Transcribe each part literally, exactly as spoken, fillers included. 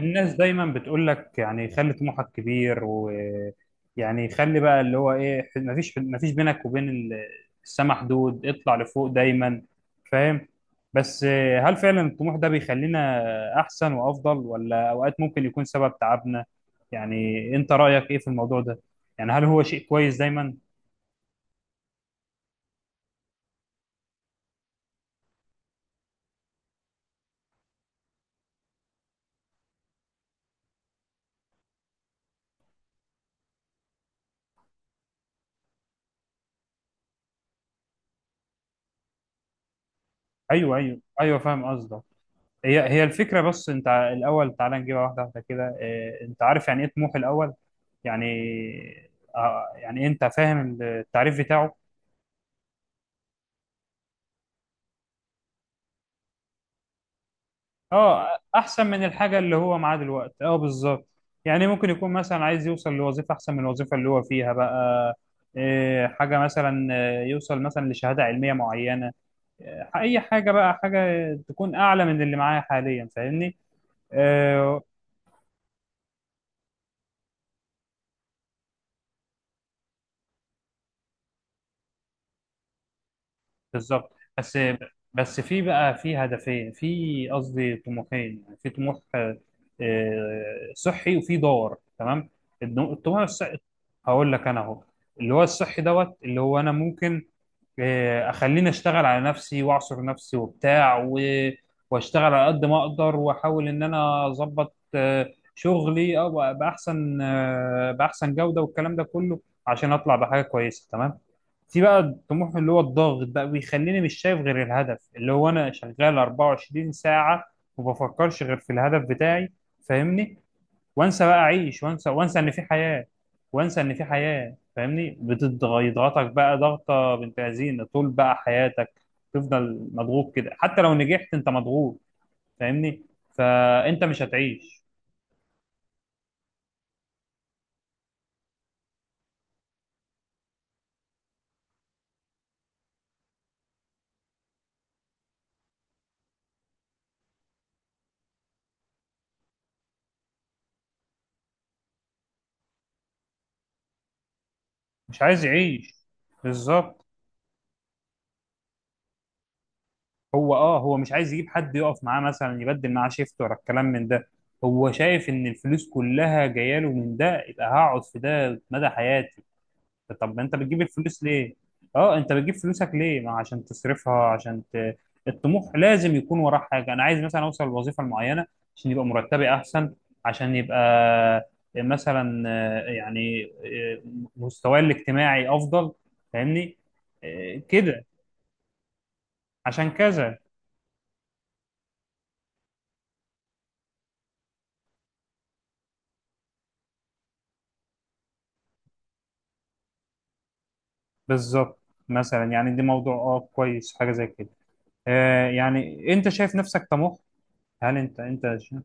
الناس دايما بتقول لك يعني خلي طموحك كبير ويعني خلي بقى اللي هو ايه مفيش مفيش بينك وبين ال- السما حدود، اطلع لفوق دايما، فاهم؟ بس آه، هل فعلا الطموح ده بيخلينا احسن وافضل، ولا اوقات ممكن يكون سبب تعبنا؟ يعني انت رأيك ايه في الموضوع ده؟ يعني هل هو شيء كويس دايما؟ ايوه ايوه ايوه، فاهم قصدك. هي هي الفكرة. بس انت الأول تعالى نجيبها واحدة واحدة كده. اه، انت عارف يعني ايه طموح الأول؟ يعني اه، يعني انت فاهم التعريف بتاعه؟ اه، احسن من الحاجة اللي هو معاه دلوقتي. اه بالظبط. يعني ممكن يكون مثلا عايز يوصل لوظيفة احسن من الوظيفة اللي هو فيها بقى. اه حاجة مثلا، اه، يوصل مثلا لشهادة علمية معينة. اه اي حاجة بقى، حاجة تكون اعلى من اللي معاه حاليا، فاهمني؟ اه، بالظبط. بس بس في بقى، في هدفين في قصدي طموحين، يعني في طموح آه، آه، صحي وفي دور. تمام؟ النو- الطموح الصحي هقول لك انا اهو. اللي هو الصحي دوت اللي هو انا ممكن آه، اخليني اشتغل على نفسي واعصر نفسي وبتاع و... واشتغل على قد ما اقدر، واحاول ان انا اظبط آه، شغلي او باحسن آه، باحسن جودة والكلام ده كله، عشان اطلع بحاجة كويسة. تمام؟ في بقى الطموح اللي هو الضاغط بقى، بيخليني مش شايف غير الهدف، اللي هو انا شغال اربعة وعشرين ساعة وما بفكرش غير في الهدف بتاعي، فاهمني؟ وانسى بقى اعيش، وانسى وانسى ان في حياه. وانسى ان في حياه، فاهمني؟ بتضغطك بقى ضغطه بنت لذينه طول بقى حياتك. تفضل مضغوط كده، حتى لو نجحت انت مضغوط، فاهمني؟ فانت مش هتعيش. مش عايز يعيش. بالظبط. هو اه، هو مش عايز يجيب حد يقف معاه مثلا يبدل معاه شيفت ولا الكلام من ده. هو شايف ان الفلوس كلها جايه له من ده، يبقى هقعد في ده مدى حياتي. طب انت بتجيب الفلوس ليه؟ اه انت بتجيب فلوسك ليه؟ ما عشان تصرفها، عشان ت... الطموح لازم يكون وراه حاجه. انا عايز مثلا اوصل لوظيفه معينه عشان يبقى مرتبي احسن، عشان يبقى مثلا آه، يعني آه، مستواي الاجتماعي افضل، فاهمني؟ آه، كده. عشان كذا. بالظبط. مثلا يعني دي موضوع اه كويس، حاجه زي كده. آه، يعني انت شايف نفسك طموح؟ هل انت انت شايف-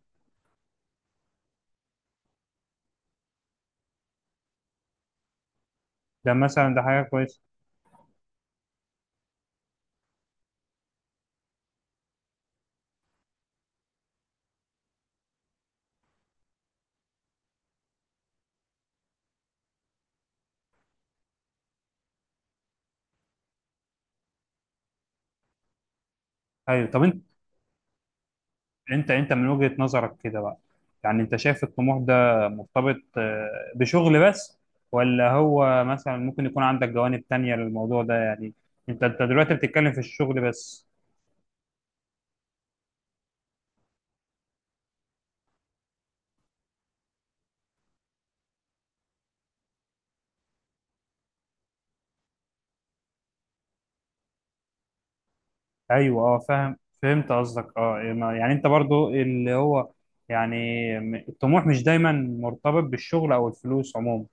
ده مثلا، ده حاجه كويسه. ايوه طب انت، انت انت من وجهة نظرك كده بقى، يعني انت شايف الطموح ده مرتبط آه، بشغل بس، ولا هو مثلا ممكن يكون عندك جوانب تانية للموضوع ده؟ يعني انت انت دلوقتي بتتكلم في الشغل بس. ايوه اه فاهم، فهمت قصدك. اه، ما- يعني انت برضو اللي هو يعني، م- الطموح مش دايما مرتبط بالشغل او الفلوس عموما.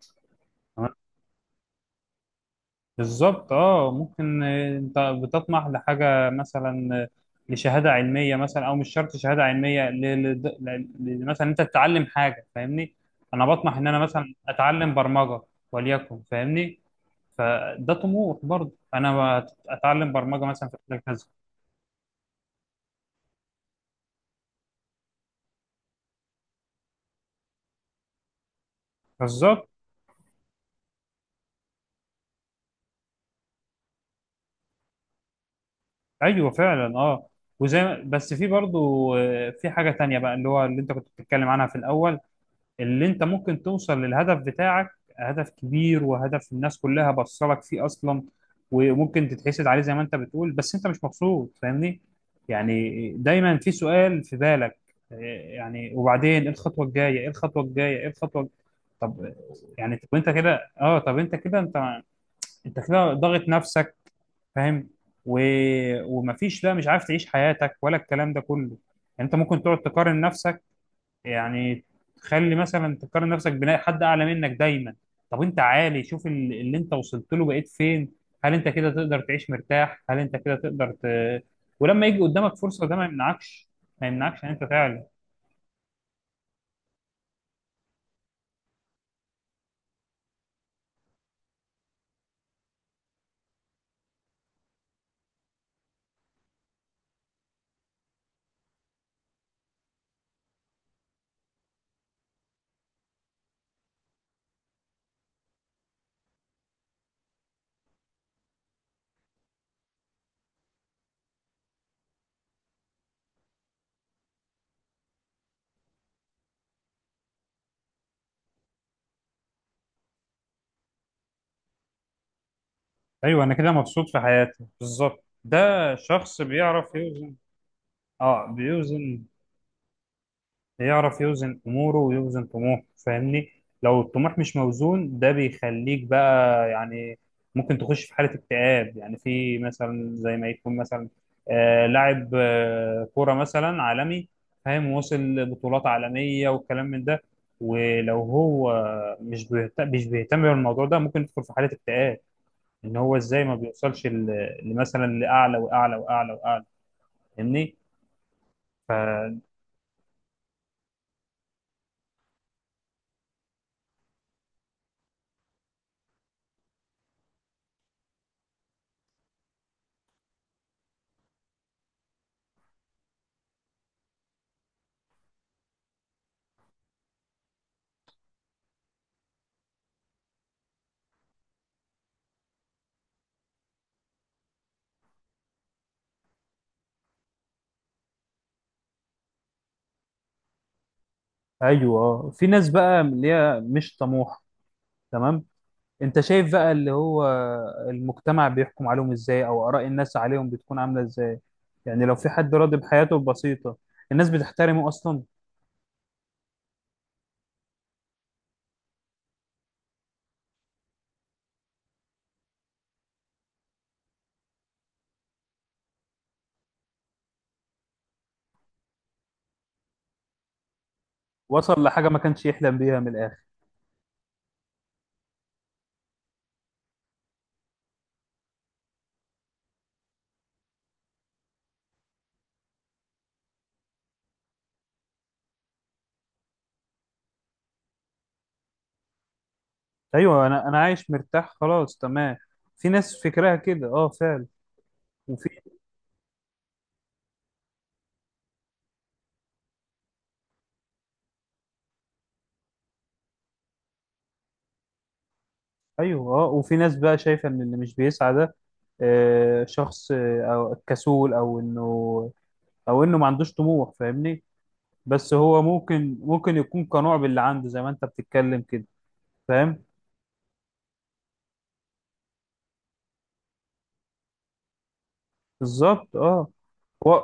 بالظبط. اه ممكن، آه، انت بتطمح لحاجه مثلا، آه، لشهاده علميه مثلا، او مش شرط شهاده علميه، ل... ل... ل... ل- مثلا انت تتعلم حاجه، فاهمني؟ انا بطمح ان انا مثلا اتعلم برمجه، وليكن، فاهمني؟ فده طموح برضه. انا بت- اتعلم برمجه مثلا في مجال كذا. بالظبط. ايوه فعلا اه. وزي ما- بس في برضه آه، في حاجه تانية بقى، اللي هو اللي انت كنت بتتكلم عنها في الاول، اللي انت ممكن توصل للهدف بتاعك، هدف كبير وهدف الناس كلها بصلك فيه اصلا، وممكن تتحسد عليه زي ما انت بتقول، بس انت مش مبسوط، فاهمني؟ يعني دايما في سؤال في بالك: إيه يعني وبعدين؟ ايه الخطوه الجايه؟ ايه الخطوه الجايه؟ ايه الخطوه؟ طب يعني، طب انت كده اه، طب انت كده، انت انت كده ضاغط نفسك، فاهم؟ و... ومفيش، لا مش عارف تعيش حياتك ولا الكلام ده كله. يعني انت ممكن تقعد تقارن نفسك، يعني تخلي مثلا تقارن نفسك بنا- حد اعلى منك دايما. طب انت عالي، شوف ال- اللي انت وصلت له، بقيت فين. هل انت كده تقدر تعيش مرتاح؟ هل انت كده تقدر ت... ولما يجي قدامك فرصة ده ما يمنعكش، ما يمنعكش ان انت تعلى. ايوه انا كده مبسوط في حياتي، بالظبط ده. شخص بيعرف يوزن. اه بيوزن، يعرف يوزن اموره ويوزن طموحه، فاهمني؟ لو الطموح مش موزون ده بيخليك بقى يعني ممكن تخش في حالة اكتئاب، يعني في مثلا، زي ما يكون مثلا آه لاعب آه كورة مثلا عالمي، فاهم؟ وصل بطولات عالمية والكلام من ده، ولو هو مش بيهتم مش بيهتم بالموضوع ده، ممكن يدخل في حالة اكتئاب، ان هو ازاي ما بيوصلش ل- لمثلا لاعلى واعلى واعلى واعلى، فاهمني؟ ف- ايوه آه. في ناس بقى اللي هي مش طموحه. تمام؟ انت شايف بقى اللي هو المجتمع بيحكم عليهم ازاي، او اراء الناس عليهم بتكون عامله ازاي؟ يعني لو في حد راضي بحياته البسيطه، الناس بتحترمه اصلا؟ وصل لحاجه ما كانش يحلم بيها من الاخر. ايوه انا انا عايش مرتاح خلاص، تمام. في ناس فكرها كده اه فعلا. وفي، ايوه اه، وفي ناس بقى شايفه ان اللي مش بيسعى ده آه، شخص آه، او كسول، او انه او انه ما عندوش طموح، فاهمني؟ بس هو ممكن ممكن يكون قنوع باللي عنده، زي ما انت بتتكلم كده، فاهم؟ بالظبط اه. و...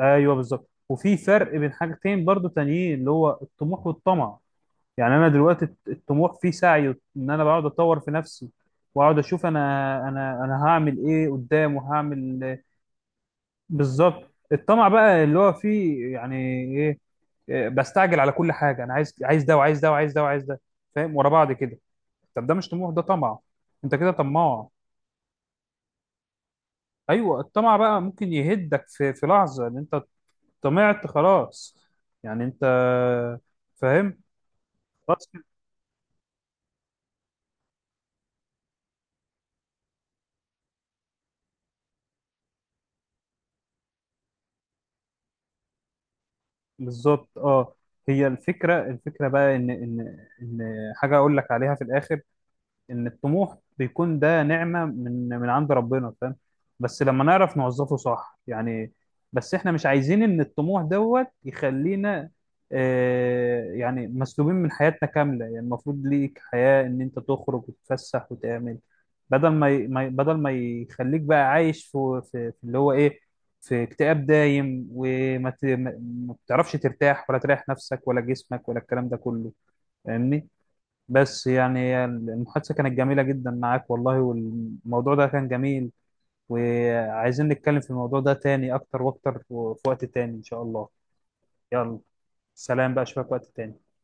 ايوه بالظبط. وفي فرق بين حاجتين برضو تانيين، اللي هو الطموح والطمع. يعني انا دلوقتي الت- الطموح فيه سعي، ان انا بقعد اتطور في نفسي، واقعد اشوف انا، انا انا هعمل ايه قدام، وهعمل. بالظبط. الطمع بقى اللي هو فيه يعني ايه؟ إيه، بستعجل على كل حاجه. انا عايز، عايز ده وعايز ده وعايز ده وعايز ده، فاهم؟ ورا بعض كده. طب ده مش طموح ده طمع. انت كده طماع. ايوه الطمع بقى ممكن يهدك في في لحظه، ان انت طمعت خلاص، يعني انت، فاهم؟ خلاص كده. بالظبط اه. هي الفكره الفكره بقى ان ان ان حاجه اقول لك عليها في الاخر: ان الطموح بيكون ده نعمة من من عند ربنا، فاهم؟ بس لما نعرف نوظفه صح يعني. بس احنا مش عايزين ان الطموح دوت يخلينا آه يعني مسلوبين من حياتنا كاملة. يعني المفروض ليك حياة، ان انت تخرج وتتفسح وتعمل، بدل ما ي... ما ي- بدل ما يخليك بقى عايش في في, في اللي هو ايه، في اكتئاب دايم، وما ت... ما ما بتعرفش ترتاح ولا تريح نفسك ولا جسمك ولا الكلام ده كله، فاهمني؟ بس يعني المحادثة كانت جميلة جدا معاك والله، والموضوع ده كان جميل، وعايزين نتكلم في الموضوع ده تاني أكتر وأكتر في وقت تاني إن شاء الله. يلا، سلام بقى، أشوفك وقت تاني.